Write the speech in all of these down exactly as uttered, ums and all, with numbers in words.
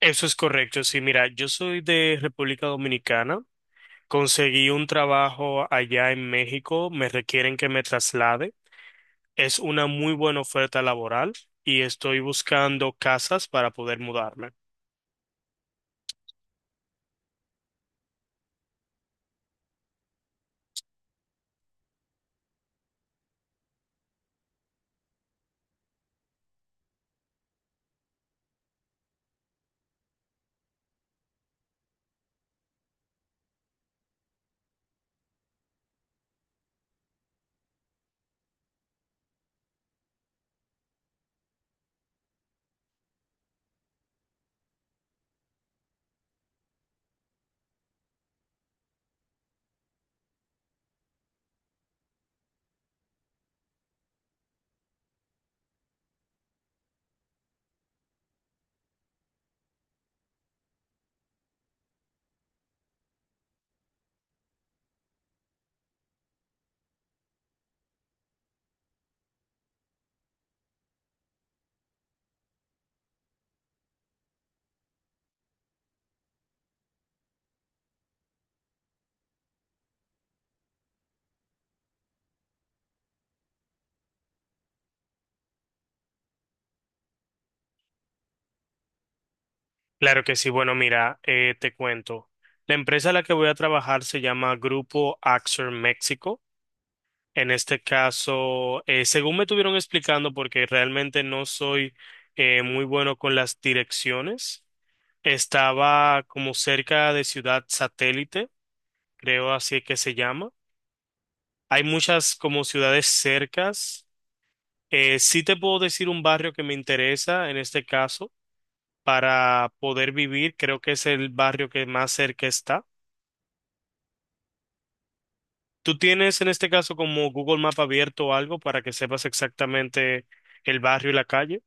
Eso es correcto. Sí, mira, yo soy de República Dominicana. Conseguí un trabajo allá en México. Me requieren que me traslade. Es una muy buena oferta laboral y estoy buscando casas para poder mudarme. Claro que sí. Bueno, mira, eh, te cuento. La empresa a la que voy a trabajar se llama Grupo Axer México. En este caso, eh, según me estuvieron explicando, porque realmente no soy eh, muy bueno con las direcciones. Estaba como cerca de Ciudad Satélite, creo así es que se llama. Hay muchas como ciudades cercas. Eh, sí te puedo decir un barrio que me interesa en este caso para poder vivir. Creo que es el barrio que más cerca está. ¿Tú tienes en este caso como Google Map abierto o algo para que sepas exactamente el barrio y la calle?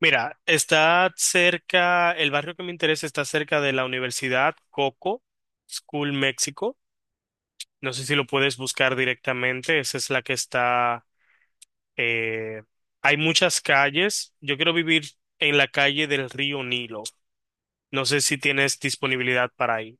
Mira, está cerca, el barrio que me interesa está cerca de la Universidad Coco School México. No sé si lo puedes buscar directamente. Esa es la que está. eh, Hay muchas calles. Yo quiero vivir en la calle del río Nilo. No sé si tienes disponibilidad para ahí.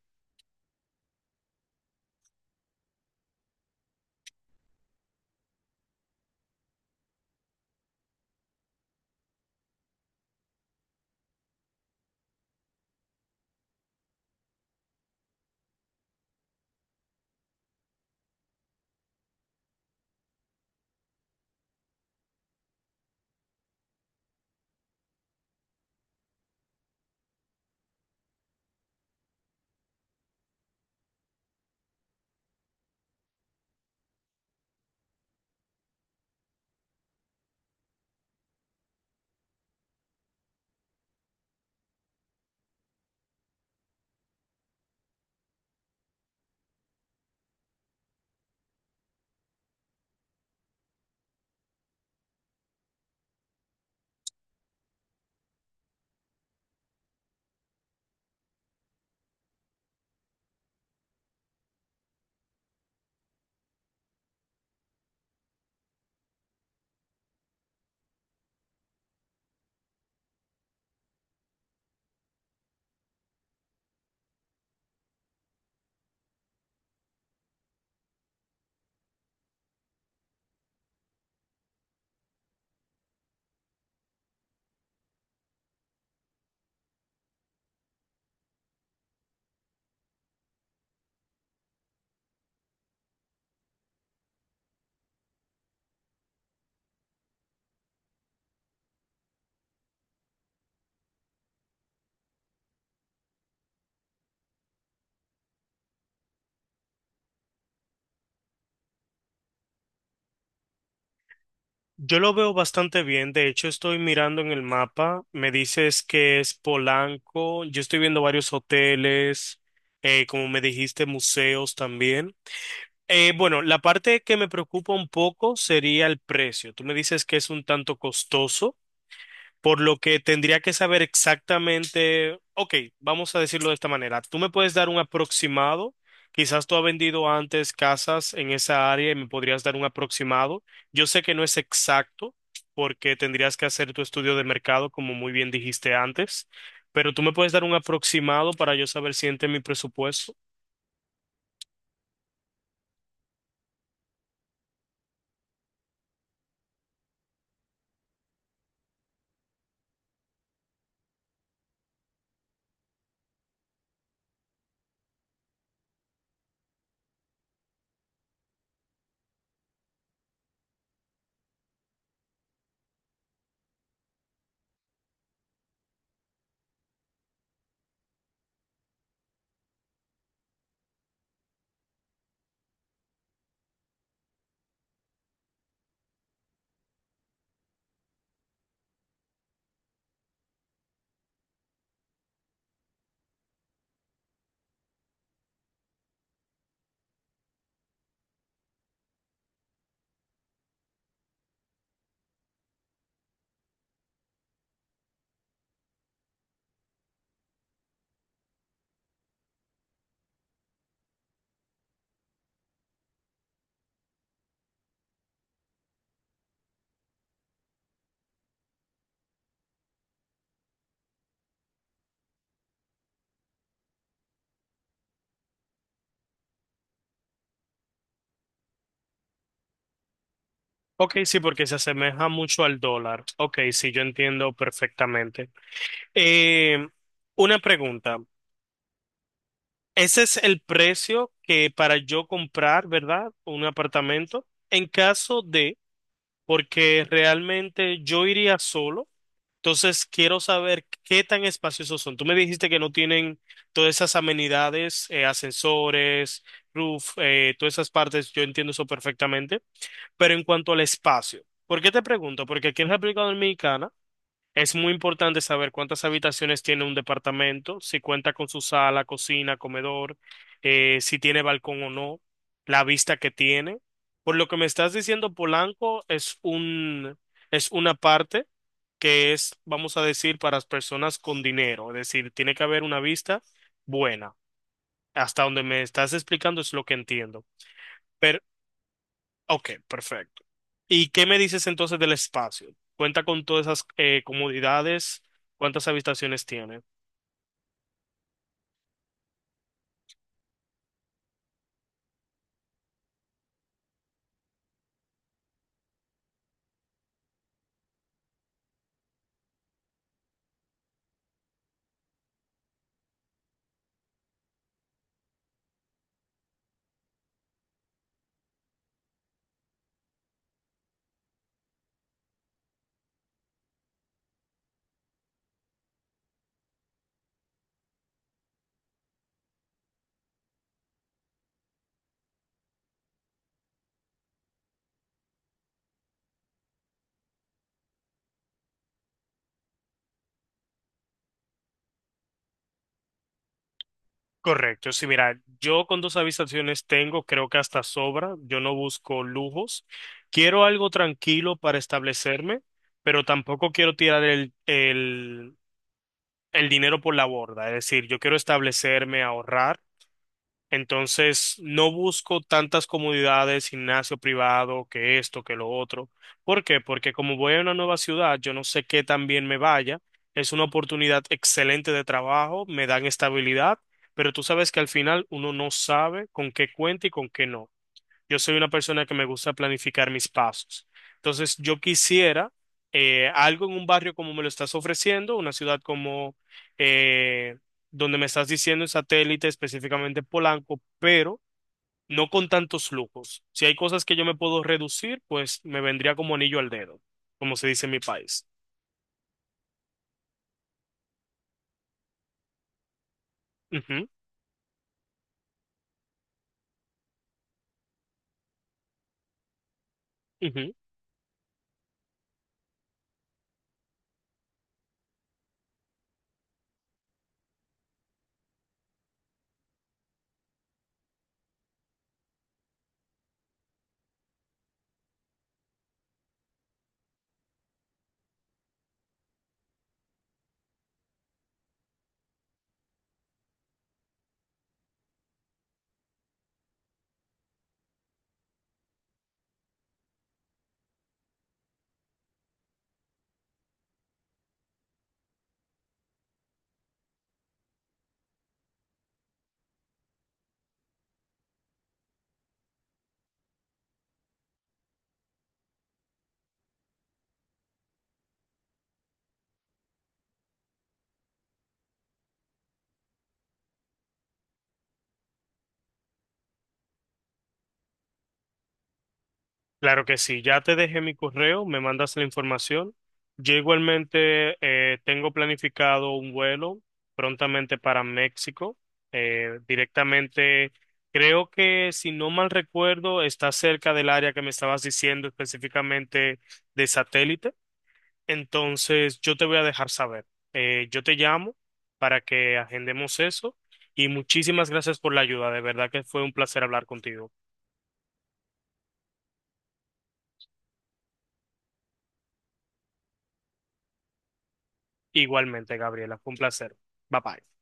Yo lo veo bastante bien. De hecho, estoy mirando en el mapa. Me dices que es Polanco. Yo estoy viendo varios hoteles, eh, como me dijiste, museos también. Eh, bueno, la parte que me preocupa un poco sería el precio. Tú me dices que es un tanto costoso, por lo que tendría que saber exactamente. Ok, vamos a decirlo de esta manera, tú me puedes dar un aproximado, quizás tú has vendido antes casas en esa área y me podrías dar un aproximado. Yo sé que no es exacto porque tendrías que hacer tu estudio de mercado, como muy bien dijiste antes, pero tú me puedes dar un aproximado para yo saber si entra en mi presupuesto. Ok, sí, porque se asemeja mucho al dólar. Ok, sí, yo entiendo perfectamente. Eh, una pregunta. Ese es el precio que para yo comprar, ¿verdad? Un apartamento. En caso de, porque realmente yo iría solo, entonces quiero saber qué tan espaciosos son. Tú me dijiste que no tienen todas esas amenidades, eh, ascensores, roof, eh, todas esas partes, yo entiendo eso perfectamente. Pero en cuanto al espacio, ¿por qué te pregunto? Porque aquí en República Dominicana es muy importante saber cuántas habitaciones tiene un departamento, si cuenta con su sala, cocina, comedor, eh, si tiene balcón o no, la vista que tiene. Por lo que me estás diciendo, Polanco es un, es una parte que es, vamos a decir, para las personas con dinero. Es decir, tiene que haber una vista buena. Hasta donde me estás explicando es lo que entiendo. Ok, perfecto. ¿Y qué me dices entonces del espacio? ¿Cuenta con todas esas eh, comodidades? ¿Cuántas habitaciones tiene? Correcto, sí, mira, yo con dos habitaciones tengo, creo que hasta sobra, yo no busco lujos, quiero algo tranquilo para establecerme, pero tampoco quiero tirar el, el, el dinero por la borda, es decir, yo quiero establecerme, ahorrar. Entonces, no busco tantas comodidades, gimnasio privado, que esto, que lo otro. ¿Por qué? Porque como voy a una nueva ciudad, yo no sé qué tan bien me vaya. Es una oportunidad excelente de trabajo, me dan estabilidad, pero tú sabes que al final uno no sabe con qué cuenta y con qué no. Yo soy una persona que me gusta planificar mis pasos. Entonces, yo quisiera eh, algo en un barrio como me lo estás ofreciendo, una ciudad como eh, donde me estás diciendo en satélite, específicamente Polanco, pero no con tantos lujos. Si hay cosas que yo me puedo reducir, pues me vendría como anillo al dedo, como se dice en mi país. Ujú, ujú. Claro que sí, ya te dejé mi correo, me mandas la información. Yo igualmente eh, tengo planificado un vuelo prontamente para México, eh, directamente, creo que si no mal recuerdo, está cerca del área que me estabas diciendo específicamente de satélite. Entonces, yo te voy a dejar saber. Eh, yo te llamo para que agendemos eso y muchísimas gracias por la ayuda. De verdad que fue un placer hablar contigo. Igualmente, Gabriela, fue un placer. Bye bye.